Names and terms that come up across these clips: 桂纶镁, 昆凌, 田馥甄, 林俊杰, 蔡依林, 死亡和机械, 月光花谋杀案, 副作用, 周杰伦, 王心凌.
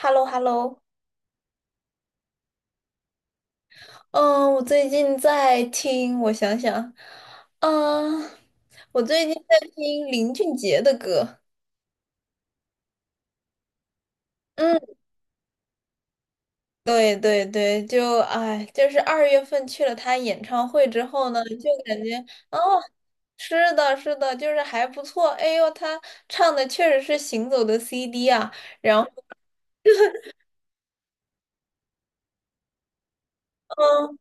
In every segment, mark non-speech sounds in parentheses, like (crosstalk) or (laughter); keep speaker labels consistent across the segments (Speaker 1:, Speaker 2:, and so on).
Speaker 1: h e l l o h e l l o 嗯，我最近在听，我想想，嗯，我最近在听林俊杰的歌。嗯，对对对，就哎，就是二月份去了他演唱会之后呢，就感觉哦，是的，是的，就是还不错。哎呦，他唱的确实是行走的 CD 啊，然后。嗯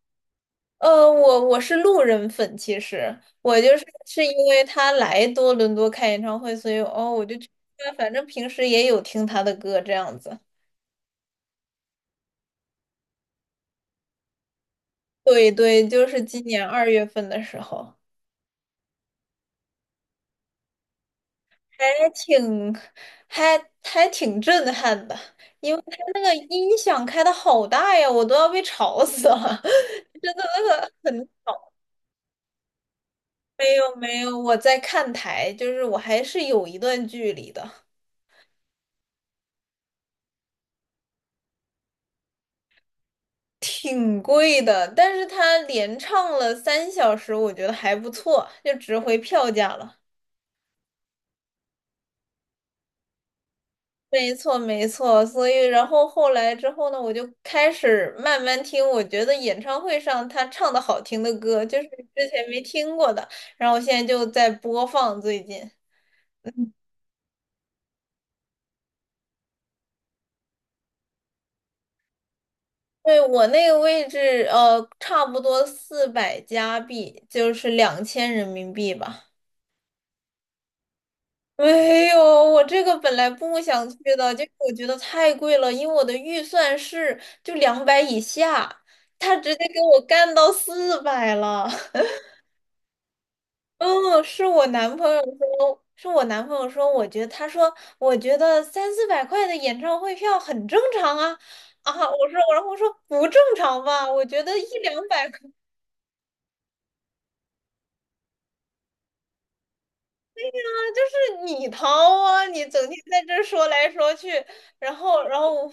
Speaker 1: 我是路人粉，其实我就是是因为他来多伦多开演唱会，所以哦，我就去看反正平时也有听他的歌这样子。对对，就是今年二月份的时候，还挺还挺震撼的，因为他那个音响开的好大呀，我都要被吵死了。(laughs) 没有没有，我在看台，就是我还是有一段距离的。挺贵的，但是他连唱了3小时，我觉得还不错，就值回票价了。没错，没错。所以，然后后来之后呢，我就开始慢慢听，我觉得演唱会上他唱的好听的歌，就是之前没听过的，然后我现在就在播放最近。对，我那个位置，差不多400加币，就是2000人民币吧。(laughs) 没有，我这个本来不想去的，就是我觉得太贵了，因为我的预算是就200以下，他直接给我干到400了。(laughs) 嗯，是我男朋友说，是我男朋友说，我觉得他说，我觉得三四百块的演唱会票很正常啊。啊，我说，然后我说不正常吧，我觉得一两百就是你掏啊，你整天在这儿说来说去，然后我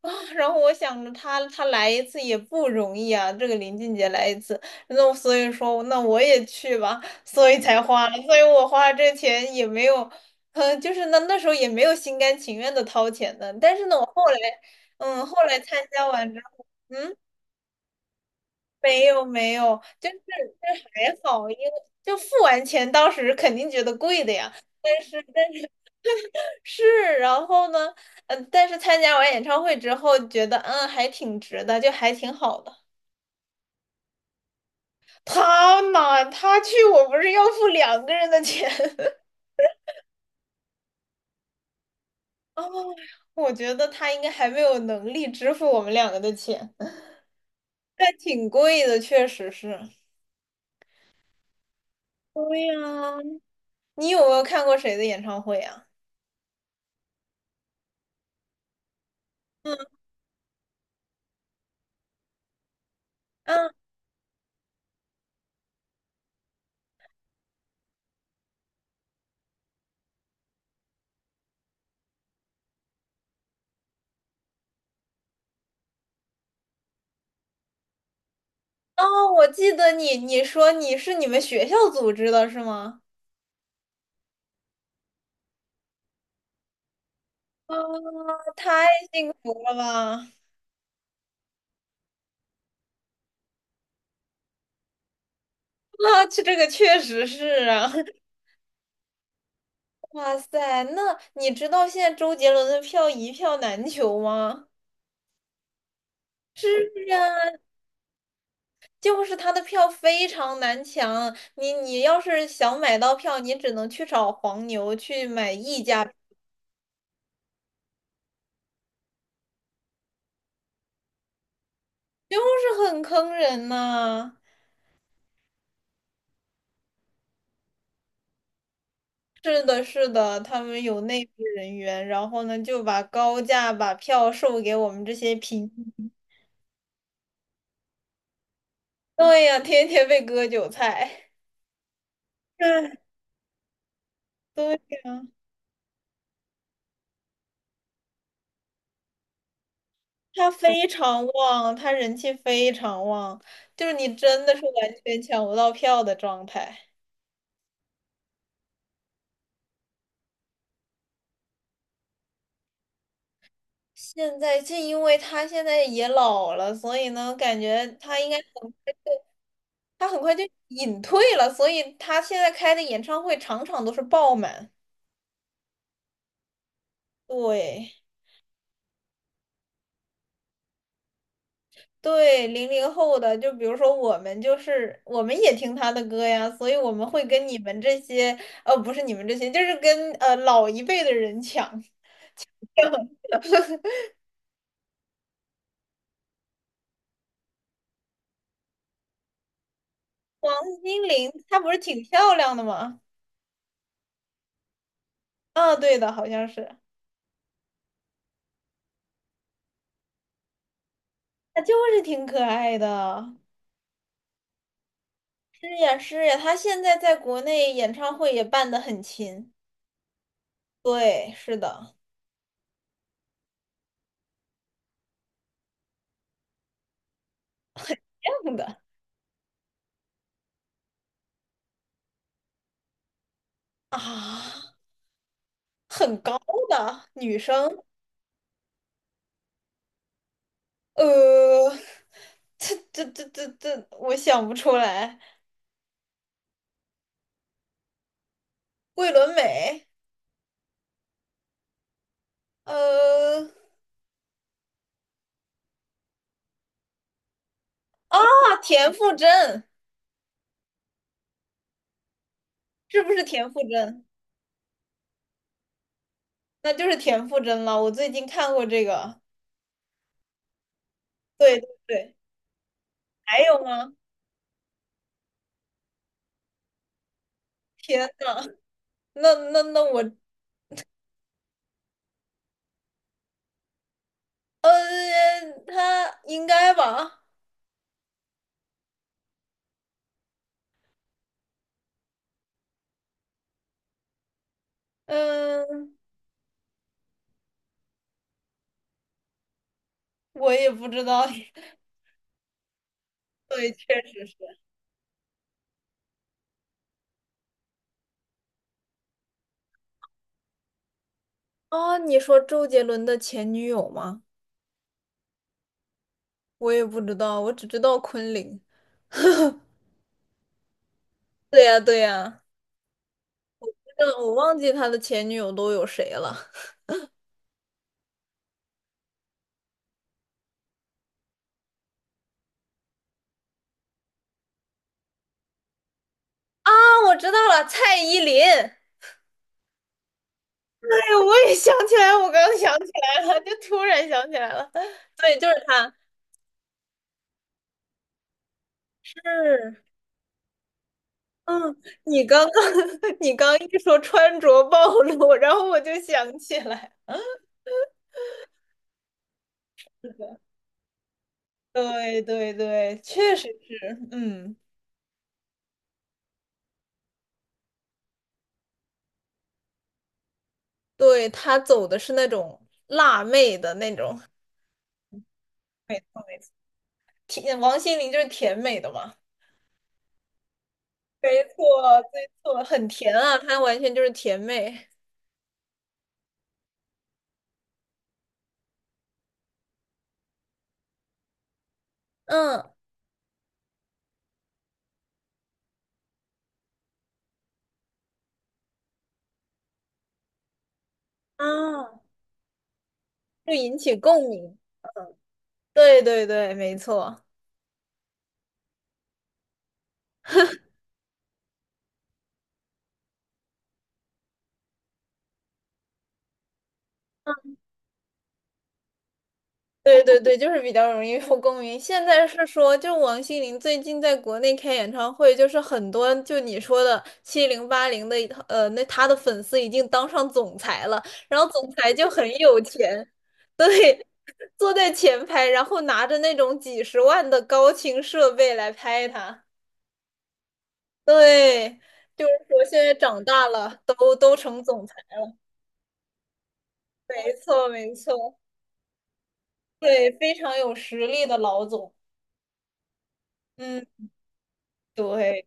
Speaker 1: 啊，然后我想着他来一次也不容易啊，这个林俊杰来一次，那我所以说那我也去吧，所以才花了，所以我花这钱也没有，就是那时候也没有心甘情愿的掏钱的，但是呢，我后来，后来参加完之后，嗯。没有没有，就是这还好，因为就付完钱，当时肯定觉得贵的呀。但是。是，然后呢，但是参加完演唱会之后，觉得还挺值的，就还挺好的。他嘛，他去我不是要付2个人的钱，(laughs) 哦，我觉得他应该还没有能力支付我们2个的钱，但挺贵的，确实是。对呀，你有没有看过谁的演唱会啊？嗯，嗯哦，我记得你，你说你是你们学校组织的是吗？啊，太行了吧！啊，这个确实是啊。哇塞，那你知道现在周杰伦的票一票难求吗？就是他的票非常难抢，你要是想买到票，你只能去找黄牛去买溢价，就是很坑人呐、是的，是的，他们有内部人员，然后呢就把高价把票售给我们这些平民。对呀，天天被割韭菜。(laughs) 对。他非常旺，他人气非常旺，就是你真的是完全抢不到票的状态。现在就因为他现在也老了，所以呢，感觉他应该他很快就隐退了，所以他现在开的演唱会场场都是爆满。对对，00后的，就比如说我们，就是我们也听他的歌呀，所以我们会跟你们这些，不是你们这些，就是跟老一辈的人抢。王心凌她不是挺漂亮的吗？啊，对的，好像是，他就是挺可爱的。是呀，是呀，他现在在国内演唱会也办的很勤。对，是的，这样的啊，很高的女生，呃，这，我想不出来。桂纶镁，呃，啊，田馥甄，是不是田馥甄？那就是田馥甄了。我最近看过这个，对对对，还有吗？天呐，那我呃，他应该吧？嗯，我也不知道。(laughs) 对，确实是。哦，你说周杰伦的前女友吗？我也不知道，我只知道昆凌。对呀，对呀，真的我忘记他的前女友都有谁了。啊，我知道了，蔡依林。对，我也想起来，我刚刚想起来了，就突然想起来了。(laughs) 对，就是他。是。嗯，你刚刚 (laughs) 你刚一说穿着暴露，然后我就想起来。对对对，确实是，嗯，对，他走的是那种辣妹的那种 (laughs)，没错，甜，王心凌就是甜美的嘛，没错，没错，很甜啊，她完全就是甜妹，嗯，啊，就引起共鸣，对对对，没错。对对对，就是比较容易受共鸣。现在是说，就王心凌最近在国内开演唱会，就是很多就你说的七零八零的，那她的粉丝已经当上总裁了，然后总裁就很有钱，坐在前排，然后拿着那种几十万的高清设备来拍她。对，就是说现在长大了，都成总裁，没错没错，对，非常有实力的老总。嗯，对。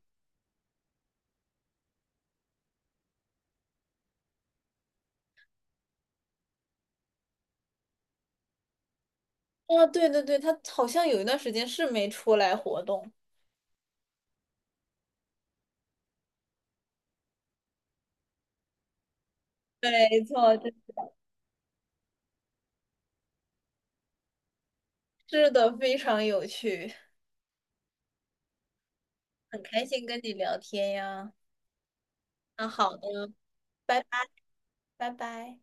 Speaker 1: 啊，对对对，他好像有一段时间是没出来活动。没错，对是的，非常有趣，很开心跟你聊天呀。那好的，拜拜，拜拜。